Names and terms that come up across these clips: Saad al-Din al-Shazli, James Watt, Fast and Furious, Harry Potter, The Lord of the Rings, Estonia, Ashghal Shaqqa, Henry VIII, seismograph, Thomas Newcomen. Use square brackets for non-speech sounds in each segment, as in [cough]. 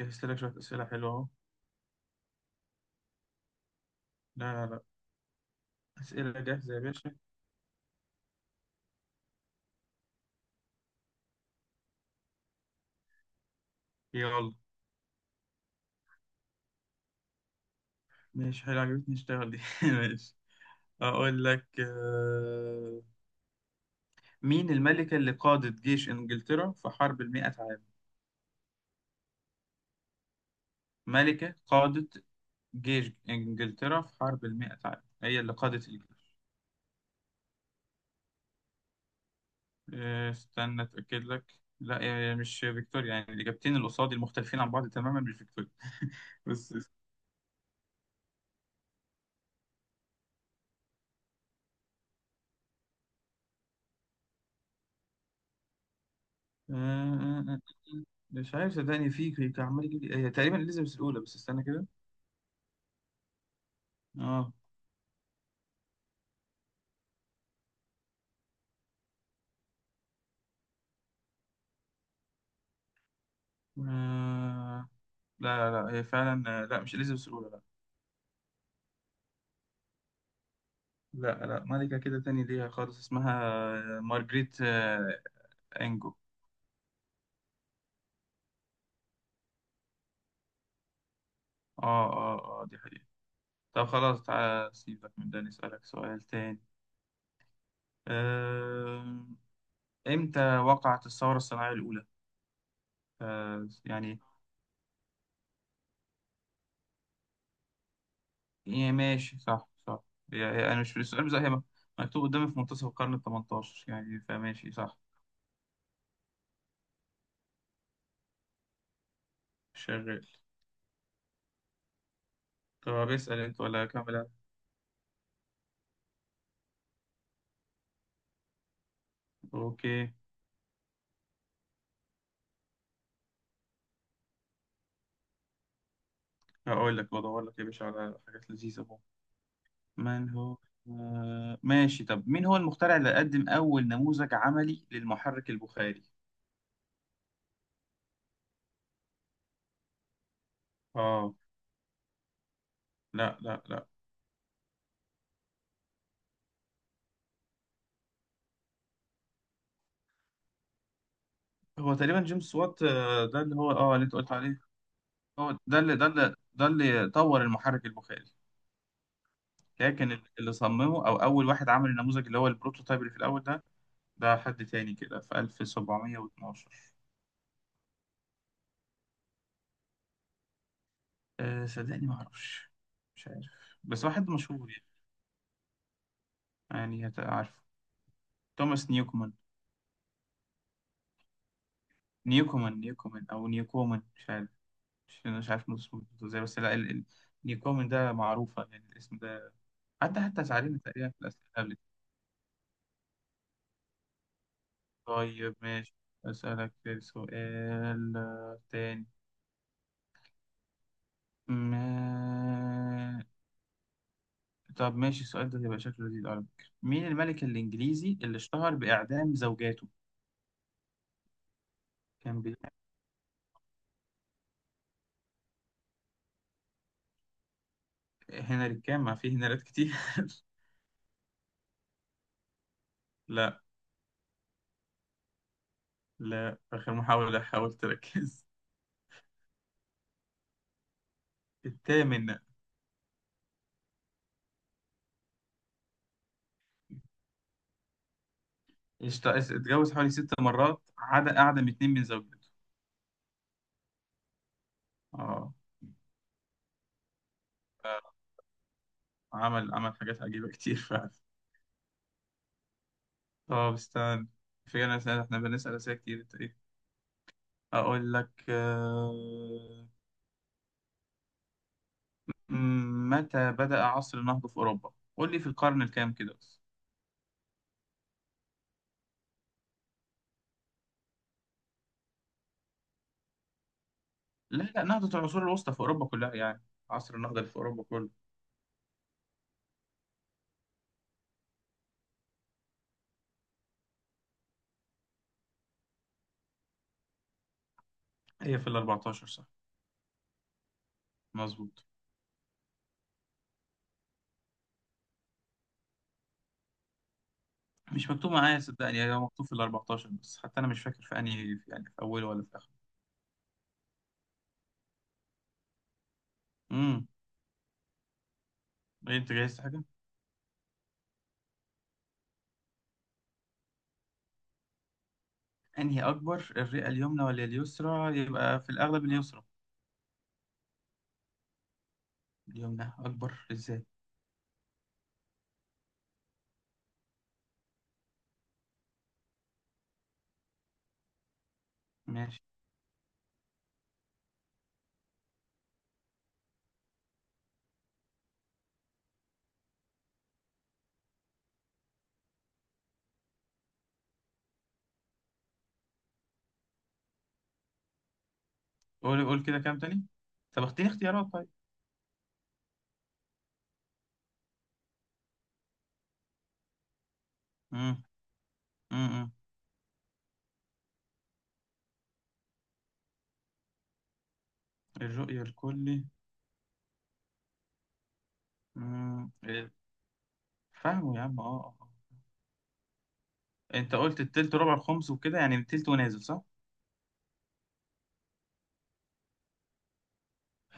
جهزت لك شوية أسئلة حلوة أهو. لا، أسئلة جاهزة يا باشا. يلا ماشي، حلو، عجبتني اشتغل دي [laughs] ماشي. أقول لك مين الملكة اللي قادت جيش إنجلترا في حرب المئة عام؟ ملكة قادت جيش إنجلترا في حرب المئة عام، هي اللي قادت الجيش. استنى أتأكد لك. لا، مش فيكتوريا، يعني الإجابتين اللي قصادي المختلفين عن بعض تماما مش فيكتوريا. [laughs] بس آه، مش عارف صدقني، كان عمال يجيب لي هي تقريبا اليزابيث الاولى، بس استنى كده. اه، آه، لا لا لا، هي فعلا لا، مش اليزابيث الاولى. لا لا لا، ملكة كده تاني ليها خالص اسمها، مارجريت، انجو. اه اه اه، دي حقيقة. طب خلاص، تعالى سيبك من ده، نسألك سؤال تاني. آه، امتى وقعت الثورة الصناعية الأولى؟ يعني إيه، ماشي صح صح. أنا مش في السؤال بس هي مكتوب قدامي في منتصف القرن التمنتاشر، يعني فماشي صح. شغال. طب اسأل أنت ولا أكمل أنا؟ أوكي. هقول لك بدور لك يا باشا على حاجات لذيذة بقى. من هو؟ آه ماشي، طب مين هو المخترع اللي قدم أول نموذج عملي للمحرك البخاري؟ آه، لا لا لا. هو تقريبا جيمس وات، ده اللي هو اللي أنت قلت عليه. هو ده اللي طور المحرك البخاري. كان اللي صممه او اول واحد عمل النموذج اللي هو البروتوتايب اللي في الاول ده، ده حد تاني كده في 1712. أه صدقني ما اعرفش، مش عارف، بس واحد مشهور يعني. يعني عارفه، توماس نيوكومان. نيوكومان نيوكومان او نيوكومان، مش عارف. مش عارف نطق اسمه ازاي، بس لا نيوكومان ده معروفة يعني الاسم ده. حتى ساعدني تقريبا في الأسئلة قبل كده. طيب ماشي. أسألك سؤال تاني. ما طب ماشي، السؤال ده هيبقى شكله لذيذ على فكرة. مين الملك الإنجليزي اللي اشتهر بإعدام زوجاته؟ كان بي... هنري كام؟ ما فيه هنريات كتير. [laughs] لا. لا، آخر محاولة، حاول تركز. الثامن. اشت... اتجوز حوالي ست مرات، عدا أعدم اتنين من زوجته. اه. عمل عمل حاجات عجيبة كتير فعلا. طب استنى، في أنا سأل احنا بنسأل أسئلة كتير انت ايه. أقول لك متى بدأ عصر النهضة في أوروبا؟ قول لي في القرن الكام كده. لا لا، نهضة العصور الوسطى في أوروبا كلها يعني، عصر النهضة اللي في أوروبا كله. هي في ال 14 صح؟ مظبوط. مش مكتوب معايا صدقني، هي مكتوب في ال 14 بس حتى أنا مش فاكر في أنهي، في يعني في أوله ولا في آخره. امم. إيه أنت جايز حاجة؟ أنهي أكبر، الرئة اليمنى ولا اليسرى؟ يبقى في الأغلب اليسرى. اليمنى أكبر إزاي؟ ماشي. قول قول كده كام تاني. طب اختيني اختيارات طيب. امم. امم، الرؤية الكلي. امم، فاهمه يا عم، اه آه. انت قلت التلت ربع الخمس وكده، يعني التلت ونازل، صح؟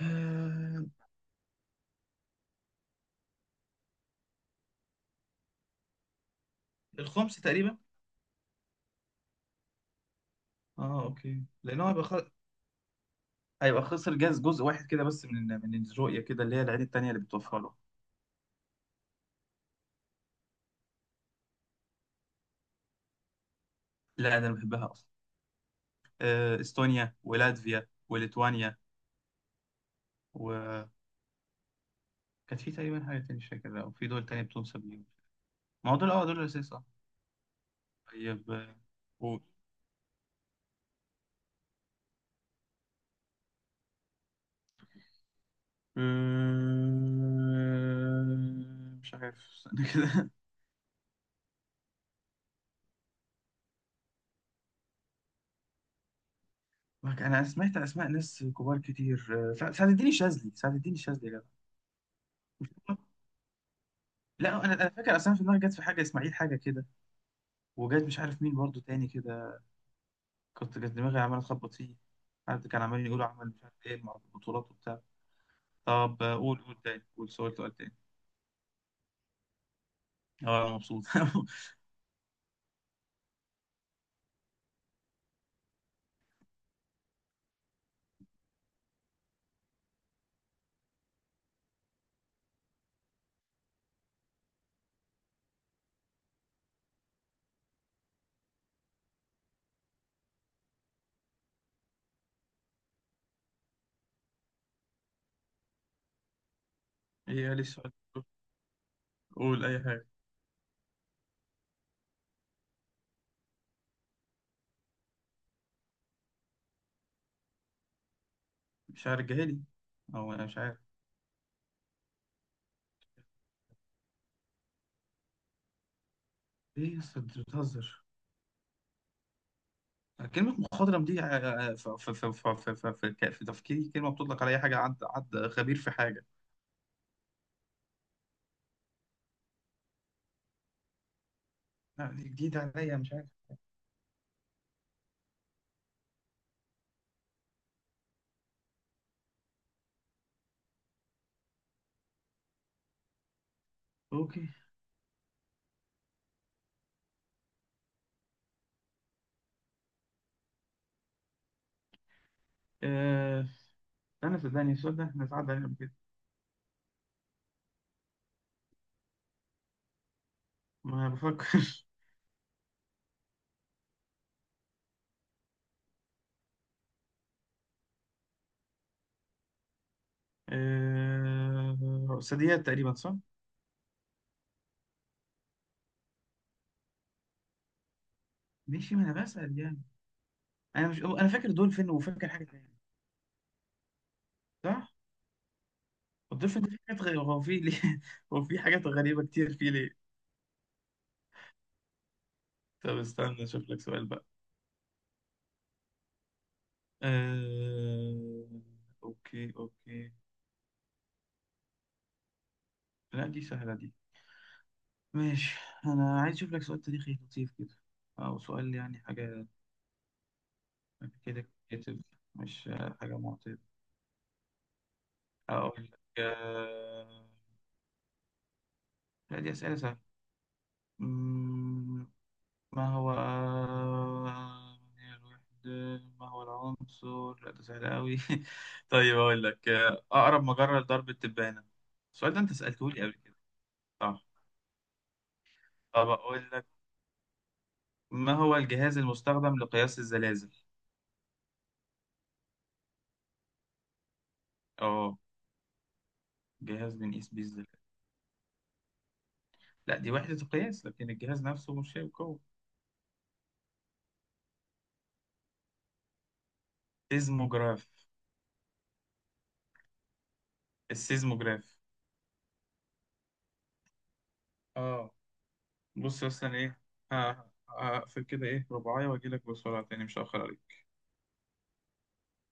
آه، الخمس تقريبا. اه اوكي، لان هو هيبقى خسر جزء واحد كده بس من من الرؤيه كده اللي هي العيد التانيه اللي بتوفر له. لا ده انا بحبها اصلا. استونيا ولاتفيا وليتوانيا. وكانت في تقريبا حاجه تانية مش فاكر، او في دول تانية بتنسب ليهم. ما هو دول اه دول الاساس اه. طيب قول. مش عارف، استنى كده. [laughs] انا سمعت اسماء ناس كبار كتير، سعد الدين الشاذلي، سعد الدين الشاذلي يا جدع. لا، انا فاكر اصلا في دماغي جت في حاجه اسماعيل حاجه كده، وجت مش عارف مين برضو تاني كده، كنت جت دماغي عمال اتخبط فيه. حد كان عمال يقول عمل مش عارف ايه مع البطولات وبتاع. طب قول قول تاني، قول سؤال سؤال تاني. اه انا مبسوط. [laughs] هي ليه السؤال ده؟ قول اي حاجه. مش عارف جهالي، او انا مش عارف. ايه يا اسطى انت بتهزر؟ كلمة مخضرم دي في- تفكيري كلمة بتطلق على أي حاجة، عد خبير في حاجة. لا، دي جديدة عليا، مش عارف. اوكي. أه... أنا صدقني السؤال ده احنا اتعدى علينا قبل كده، ما بفكر. [laughs] أه... ثدييات تقريبا، صح؟ ماشي، ما أنا بسأل يعني. أنا مش أنا فاكر دولفين، وفاكر حاجة تانية. صح؟ الدولفين ده في حاجات غريبة، هو في ليه؟ [laughs] هو في حاجات غريبة كتير فيه ليه؟ طب استنى أشوف لك سؤال بقى. أه... أوكي. لا دي سهلة دي. ماشي. أنا عايز أشوف لك سؤال تاريخي لطيف كده، أو سؤال يعني حاجة كده كده، مش حاجة معتمدة. أقول لك لا دي أسئلة سهلة. مم، ما هو هي الوحدة، ما هو العنصر، لا ده سهل أوي. [laughs] طيب أقول لك أقرب مجرة لدرب التبانة. السؤال ده أنت سألته لي قبل كده. صح. طب أقول لك، ما هو الجهاز المستخدم لقياس الزلازل؟ أه، جهاز بنقيس بيه الزلازل. لا دي وحدة القياس، لكن الجهاز نفسه مش هيبقى قوي. سيزموجراف. السيزموجراف. اه. بص يا اسطى، أنا ايه، ه- هقفل كده ايه رباعية واجي لك بسرعة تاني، مش هأخر عليك.